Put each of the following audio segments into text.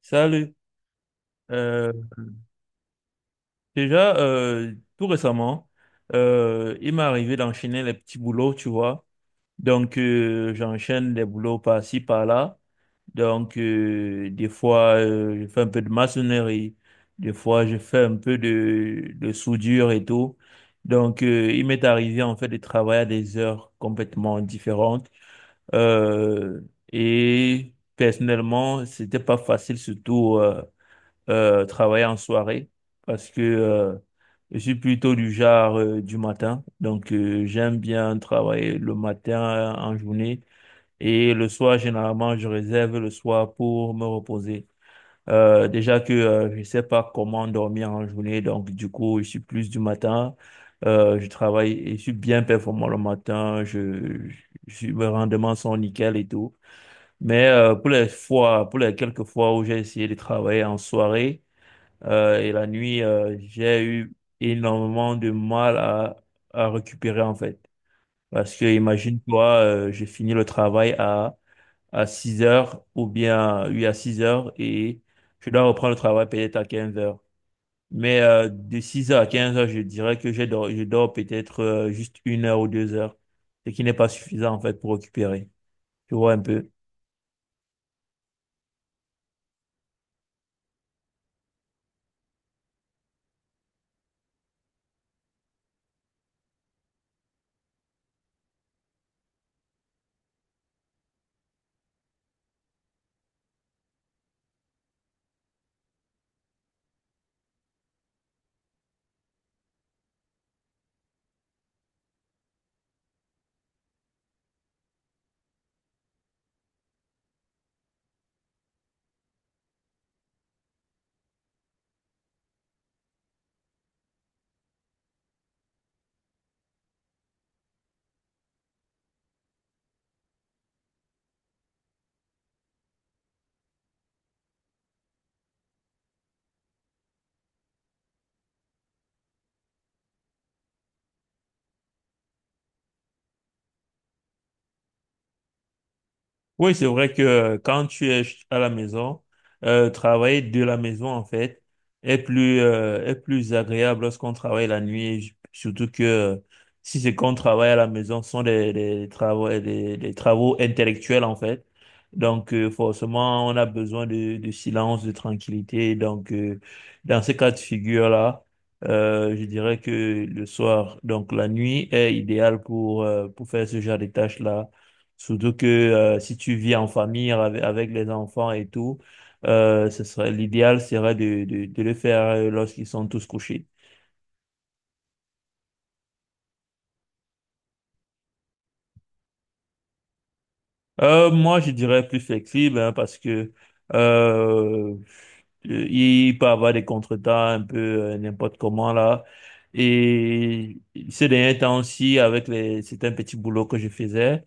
Salut. Euh, Déjà, tout récemment, il m'est arrivé d'enchaîner les petits boulots, tu vois. Donc, j'enchaîne des boulots par-ci, par-là. Donc, des fois, je fais un peu de maçonnerie. Des fois, je fais un peu de soudure et tout. Donc, il m'est arrivé, en fait, de travailler à des heures complètement différentes. Euh, et personnellement, c'était pas facile, surtout travailler en soirée parce que je suis plutôt du genre du matin. Donc, j'aime bien travailler le matin en journée, et le soir, généralement, je réserve le soir pour me reposer. Déjà que je sais pas comment dormir en journée, donc du coup, je suis plus du matin. Je travaille et je suis bien performant le matin. Mes rendements sont nickel et tout. Mais pour les fois, pour les quelques fois où j'ai essayé de travailler en soirée, et la nuit, j'ai eu énormément de mal à récupérer en fait. Parce que imagine-toi, j'ai fini le travail à 6 h ou bien, oui, à 6 h, et je dois reprendre le travail peut-être à 15 h. Mais de 6 h à 15 h, je dirais que je dors peut-être juste une heure ou 2 heures, ce qui n'est pas suffisant en fait pour récupérer. Tu vois un peu. Oui, c'est vrai que quand tu es à la maison, travailler de la maison, en fait, est est plus agréable lorsqu'on travaille la nuit, surtout que si c'est qu'on travaille à la maison, ce sont des travaux, des travaux intellectuels, en fait. Donc, forcément, on a besoin de silence, de tranquillité. Donc, dans ces cas de figure-là, je dirais que le soir, donc la nuit est idéale pour faire ce genre de tâches-là. Surtout que si tu vis en famille avec les enfants et tout, ce serait l'idéal serait de le faire lorsqu'ils sont tous couchés. Moi, je dirais plus flexible hein, parce que euh, il peut avoir des contretemps un peu n'importe comment là. Et ces derniers temps aussi, avec les certains petits boulots que je faisais,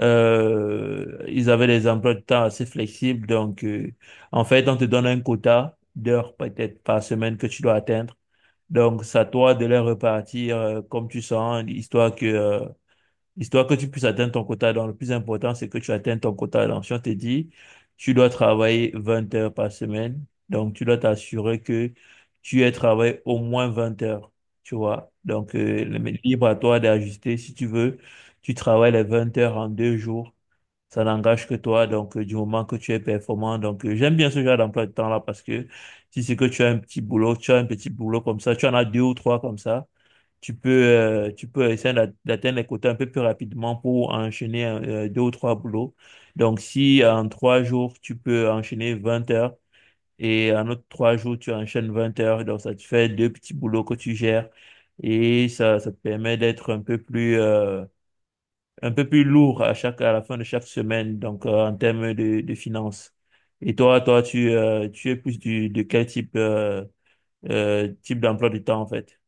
ils avaient des emplois de temps assez flexibles. Donc, en fait, on te donne un quota d'heures peut-être par semaine que tu dois atteindre. Donc, c'est à toi de les repartir comme tu sens, histoire que tu puisses atteindre ton quota d'heures. Le plus important, c'est que tu atteignes ton quota d'heures. Si on te dit, tu dois travailler 20 heures par semaine, donc tu dois t'assurer que tu aies travaillé au moins 20 heures. Tu vois? Donc, mais libre à toi d'ajuster. Si tu veux, tu travailles les 20 heures en deux jours. Ça n'engage que toi. Donc, du moment que tu es performant. Donc, j'aime bien ce genre d'emploi de temps-là, parce que si c'est que tu as un petit boulot, tu as un petit boulot comme ça, tu en as deux ou trois comme ça, tu peux essayer d'atteindre les quotas un peu plus rapidement pour enchaîner deux ou trois boulots. Donc, si en trois jours, tu peux enchaîner 20 heures, et en autre trois jours, tu enchaînes 20 heures, donc ça te fait deux petits boulots que tu gères, et ça te permet d'être un peu un peu plus lourd à chaque, à la fin de chaque semaine, donc en termes de finances. Et toi, tu es plus de quel type type d'emploi du temps en fait?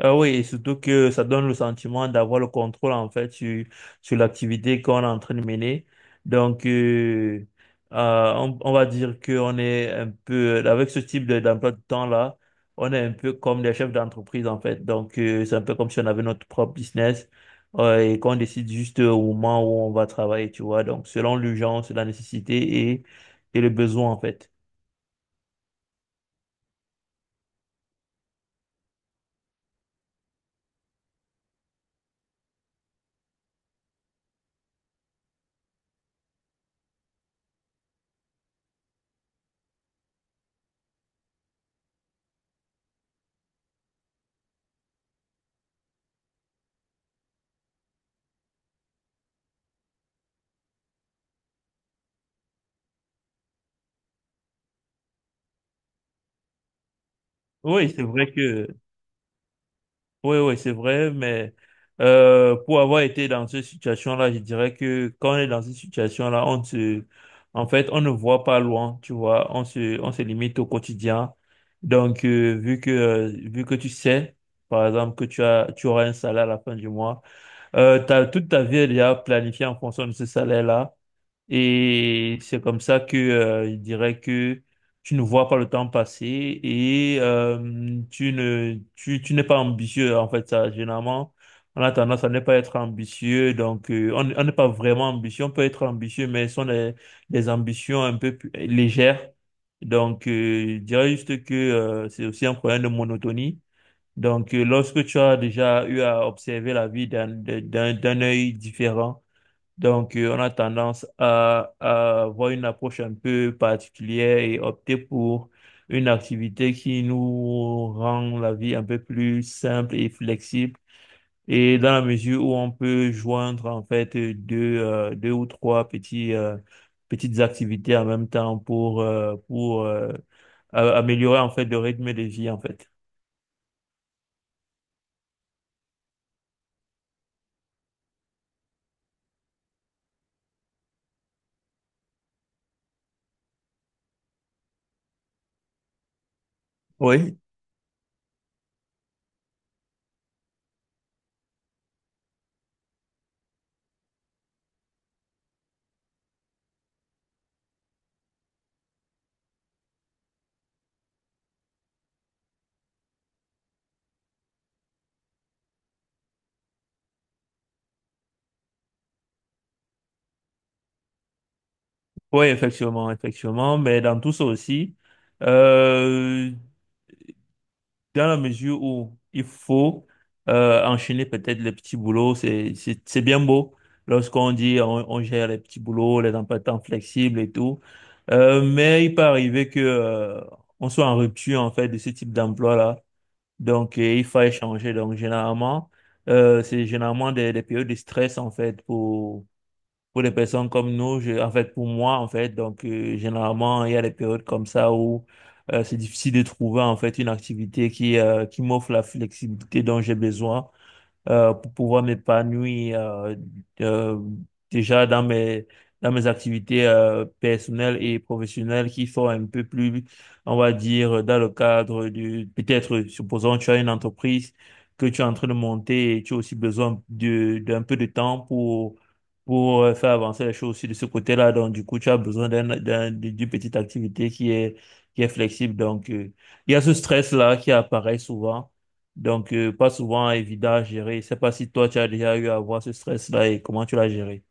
Ah oui, et surtout que ça donne le sentiment d'avoir le contrôle en fait sur l'activité qu'on est en train de mener. Donc, on va dire qu'on est un peu, avec ce d'emploi de temps-là, on est un peu comme des chefs d'entreprise en fait. Donc, c'est un peu comme si on avait notre propre business et qu'on décide juste au moment où on va travailler, tu vois. Donc, selon l'urgence, la nécessité et le besoin en fait. Oui, c'est vrai que Oui, oui, c'est vrai, mais pour avoir été dans cette situation-là, je dirais que quand on est dans cette situation-là, en fait, on ne voit pas loin, tu vois, on se limite au quotidien. Donc, vu que tu sais, par exemple, que tu auras un salaire à la fin du mois. Toute ta vie, elle est déjà planifiée en fonction de ce salaire-là. Et c'est comme ça que il dirait que tu ne vois pas le temps passer, et tu ne tu, tu n'es pas ambitieux en fait. Ça généralement on a tendance à ne pas être ambitieux, donc on n'est pas vraiment ambitieux. On peut être ambitieux, mais ce sont des ambitions un peu plus légères. Donc je dirais juste que c'est aussi un problème de monotonie. Donc, lorsque tu as déjà eu à observer la vie d'un de- d'un d'un œil différent, donc on a tendance à avoir une approche un peu particulière, et opter pour une activité qui nous rend la vie un peu plus simple et flexible. Et dans la mesure où on peut joindre en fait deux ou trois petites activités en même temps, pour améliorer en fait le rythme de vie en fait. Oui, oui, effectivement, effectivement, mais dans tout ça aussi, euh, dans la mesure où il faut enchaîner peut-être les petits boulots. C'est bien beau lorsqu'on dit on gère les petits boulots, les emplois de temps flexibles et tout, mais il peut arriver que on soit en rupture en fait de ce type d'emploi-là. Donc il faut échanger. Donc généralement, c'est généralement des périodes de stress en fait pour les personnes comme nous, en fait, pour moi, en fait. Donc, généralement, il y a des périodes comme ça où c'est difficile de trouver, en fait, une activité qui m'offre la flexibilité dont j'ai besoin pour pouvoir m'épanouir euh, déjà dans dans mes activités personnelles et professionnelles, qui sont un peu plus, on va dire, dans le cadre du, peut-être, supposons, tu as une entreprise que tu es en train de monter, et tu as aussi besoin d'un peu de temps pour faire avancer les choses aussi de ce côté-là. Donc, du coup, tu as besoin d'une petite activité qui est flexible. Donc, il y a ce stress-là qui apparaît souvent. Donc, pas souvent évident à gérer. Je sais pas si toi, tu as déjà eu à avoir ce stress-là, et comment tu l'as géré.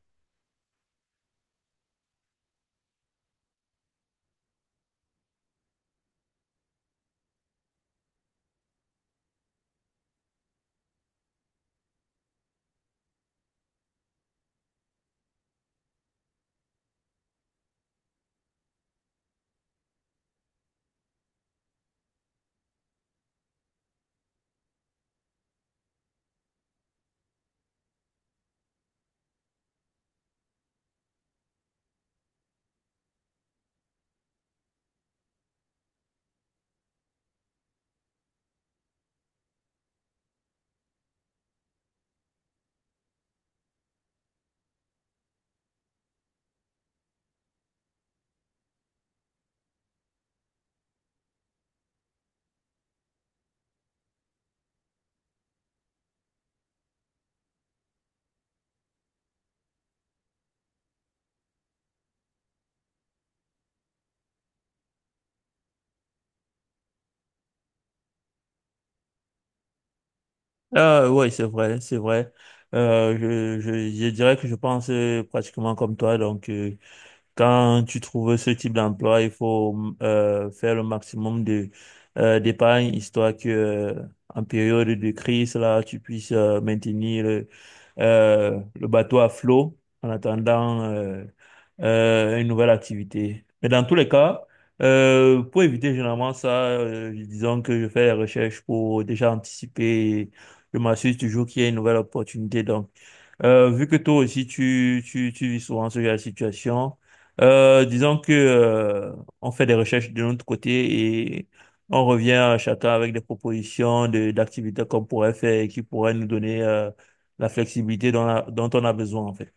Ah, oui, c'est vrai, c'est vrai. Je dirais que je pense pratiquement comme toi. Donc, quand tu trouves ce type d'emploi, il faut faire le maximum de d'épargne, histoire que en période de crise, là, tu puisses maintenir le bateau à flot en attendant une nouvelle activité. Mais dans tous les cas, pour éviter généralement ça, disons que je fais des recherches pour déjà anticiper. Je m'assure toujours qu'il y a une nouvelle opportunité. Donc, vu que toi aussi tu vis souvent ce genre de situation, disons que on fait des recherches de notre côté, et on revient à chacun avec des propositions de d'activités qu'on pourrait faire, et qui pourraient nous donner la flexibilité dont on a besoin en fait.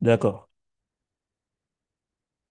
D'accord.